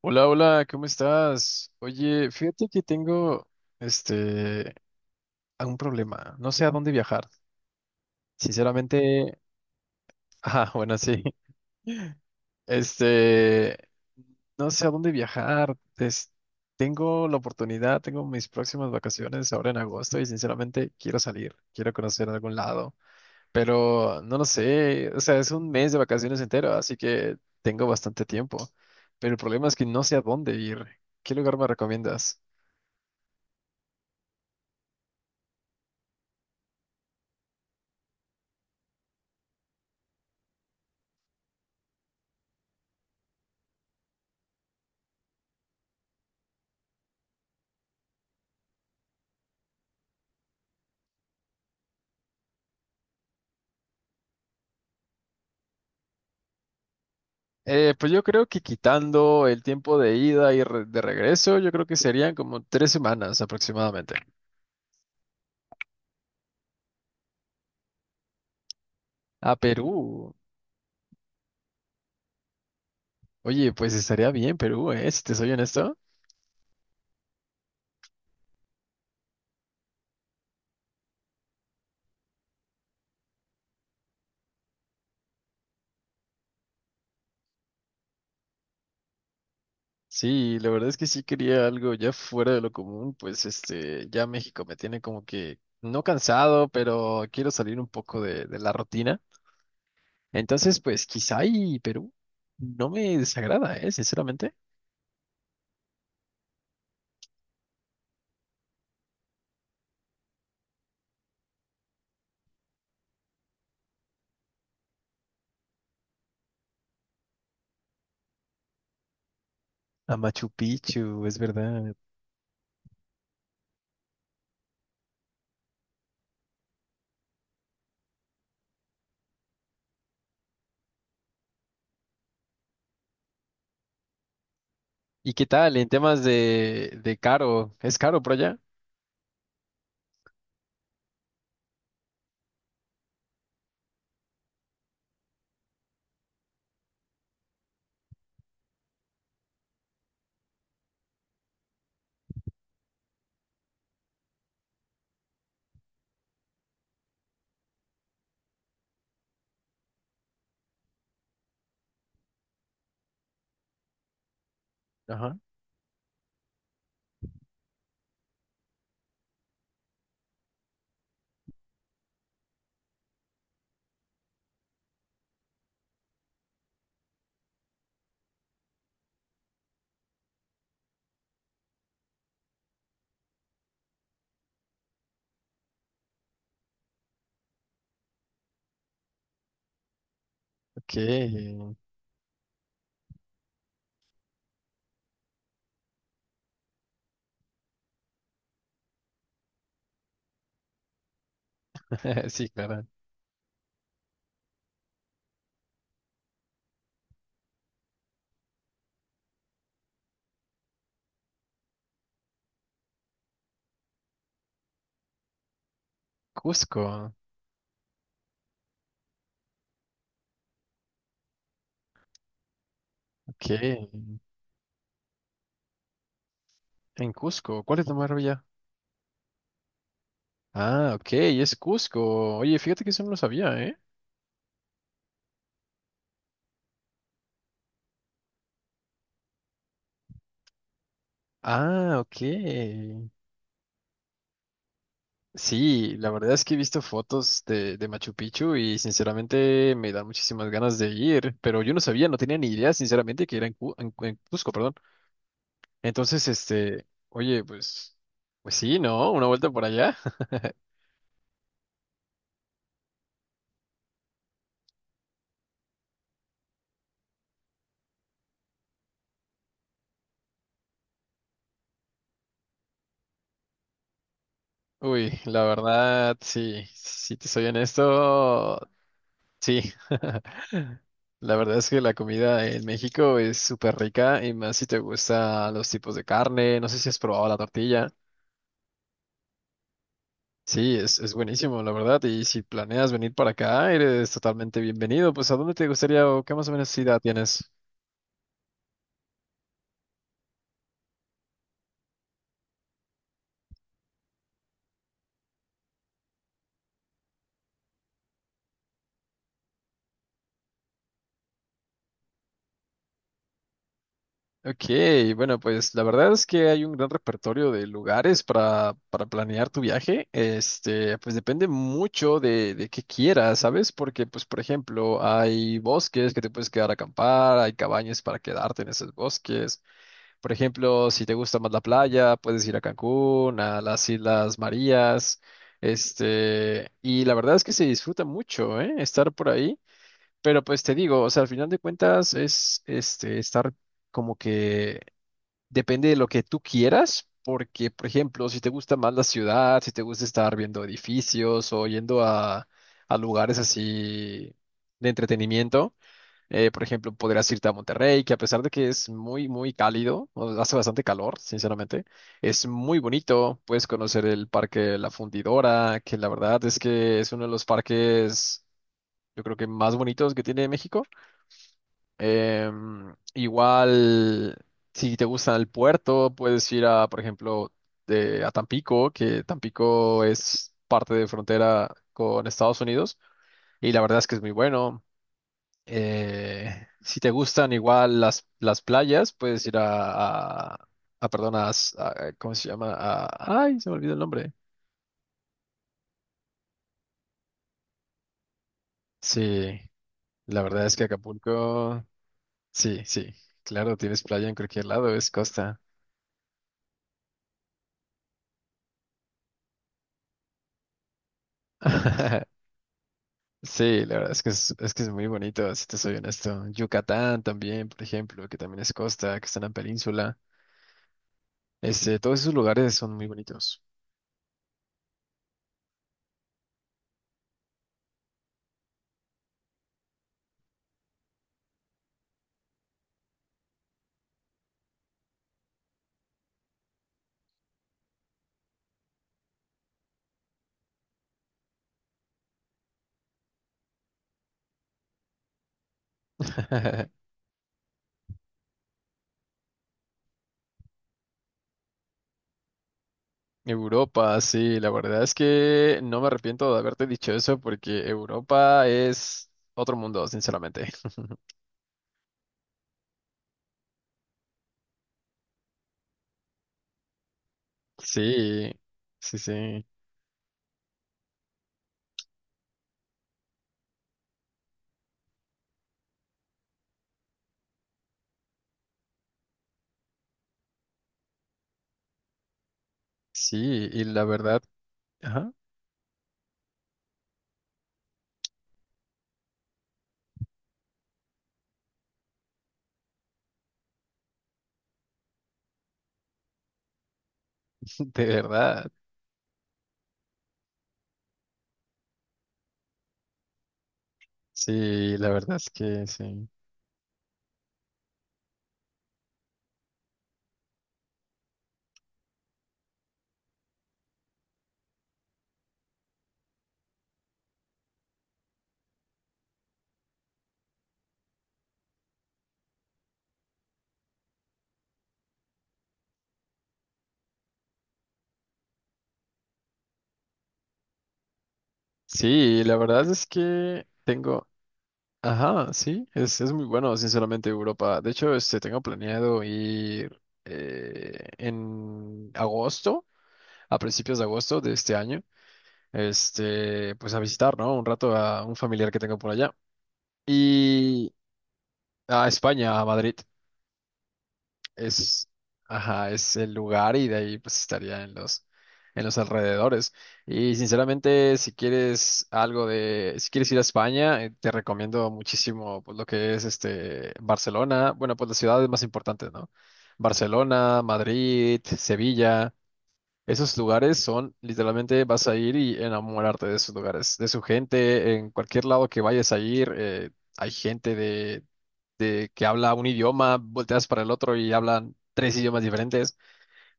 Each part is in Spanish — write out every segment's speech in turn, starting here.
Hola, hola, ¿cómo estás? Oye, fíjate que tengo este un problema. No sé a dónde viajar. Sinceramente, ah, bueno, sí. Este, no sé a dónde viajar. Tengo la oportunidad, tengo mis próximas vacaciones ahora en agosto y sinceramente quiero salir, quiero conocer algún lado, pero no lo sé. O sea, es un mes de vacaciones entero, así que tengo bastante tiempo. Pero el problema es que no sé a dónde ir. ¿Qué lugar me recomiendas? Pues yo creo que quitando el tiempo de ida y de regreso, yo creo que serían como 3 semanas aproximadamente. A Perú. Oye, pues estaría bien Perú, ¿eh? Si te soy honesto. Sí, la verdad es que sí quería algo ya fuera de lo común, pues ya México me tiene como que no cansado, pero quiero salir un poco de la rutina. Entonces, pues quizá y Perú no me desagrada, ¿eh? Sinceramente. A Machu Picchu, es verdad. ¿Y qué tal en temas de caro? ¿Es caro por allá? Ajá. Ok. Sí, claro. Cusco. Ok. En Cusco. ¿Cuál es la maravilla? Ah, ok. Es Cusco. Oye, fíjate que eso no lo sabía, ¿eh? Ah, ok. Sí, la verdad es que he visto fotos de Machu Picchu y sinceramente me dan muchísimas ganas de ir, pero yo no sabía, no tenía ni idea, sinceramente, que era en, Cu- en Cusco, perdón. Entonces, oye, pues sí, ¿no? Una vuelta por allá. Uy, la verdad, sí, si te soy honesto, sí. La verdad es que la comida en México es súper rica y más si te gustan los tipos de carne. No sé si has probado la tortilla. Sí, es buenísimo, la verdad. Y si planeas venir para acá, eres totalmente bienvenido. Pues, ¿a dónde te gustaría o qué más o menos ciudad tienes? Ok, bueno, pues la verdad es que hay un gran repertorio de lugares para planear tu viaje. Pues depende mucho de qué quieras, ¿sabes? Porque, pues, por ejemplo, hay bosques que te puedes quedar a acampar, hay cabañas para quedarte en esos bosques. Por ejemplo, si te gusta más la playa, puedes ir a Cancún, a las Islas Marías. Y la verdad es que se disfruta mucho, ¿eh? Estar por ahí. Pero pues te digo, o sea, al final de cuentas es, estar como que depende de lo que tú quieras, porque, por ejemplo, si te gusta más la ciudad, si te gusta estar viendo edificios o yendo a lugares así de entretenimiento, por ejemplo, podrías irte a Monterrey, que a pesar de que es muy, muy cálido, hace bastante calor, sinceramente, es muy bonito, puedes conocer el Parque La Fundidora, que la verdad es que es uno de los parques, yo creo que más bonitos que tiene México. Igual, si te gusta el puerto, puedes ir a, por ejemplo, a Tampico, que Tampico es parte de frontera con Estados Unidos y la verdad es que es muy bueno. Eh, si te gustan igual las playas, puedes ir perdón, ¿cómo se llama? A- ay, se me olvidó el nombre. Sí, la verdad es que Acapulco, sí, sí, claro, tienes playa en cualquier lado, es costa. Sí, la verdad es que es que es muy bonito, si te soy honesto. Yucatán también, por ejemplo, que también es costa, que está en la península. Este, todos esos lugares son muy bonitos. Europa, sí, la verdad es que no me arrepiento de haberte dicho eso porque Europa es otro mundo, sinceramente. Sí, sí, sí, sí, y la verdad, ajá, de verdad, sí, la verdad es que sí. Sí, la verdad es que tengo... Ajá, sí, es muy bueno, sinceramente, Europa. De hecho, tengo planeado ir en agosto, a principios de agosto de este año, pues a visitar, ¿no? Un rato a un familiar que tengo por allá. Y a España, a Madrid. Es, ajá, es el lugar y de ahí pues estaría en en los alrededores. Y sinceramente, si quieres ir a España, te recomiendo muchísimo pues, lo que es Barcelona. Bueno, pues las ciudades más importantes, ¿no? Barcelona, Madrid, Sevilla. Esos lugares son, literalmente vas a ir y enamorarte de esos lugares, de su gente, en cualquier lado que vayas a ir, hay gente de, que habla un idioma, volteas para el otro y hablan tres idiomas diferentes.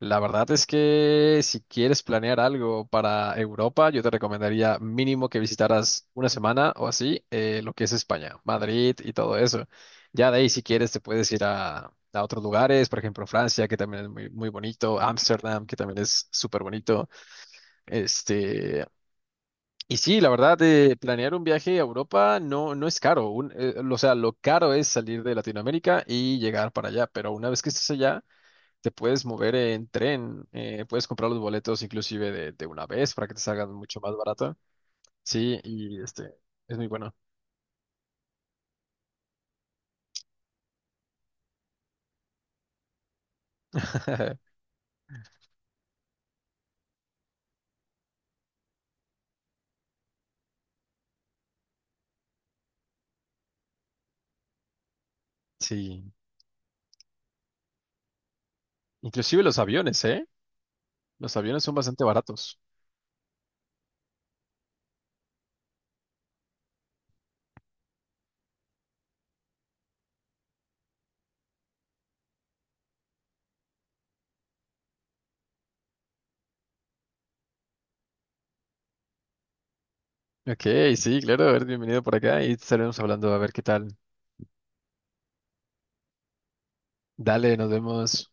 La verdad es que si quieres planear algo para Europa, yo te recomendaría mínimo que visitaras una semana o así lo que es España, Madrid y todo eso. Ya de ahí, si quieres, te puedes ir a otros lugares, por ejemplo, Francia, que también es muy, muy bonito, Ámsterdam, que también es súper bonito. Este, y sí, la verdad, planear un viaje a Europa no es caro. O sea, lo caro es salir de Latinoamérica y llegar para allá, pero una vez que estés allá te puedes mover en tren, puedes comprar los boletos inclusive de una vez para que te salgan mucho más barato. Sí, es muy bueno. Sí, inclusive los aviones, ¿eh? Los aviones son bastante baratos. Ok, sí, claro, a ver, bienvenido por acá y estaremos hablando a ver qué tal. Dale, nos vemos.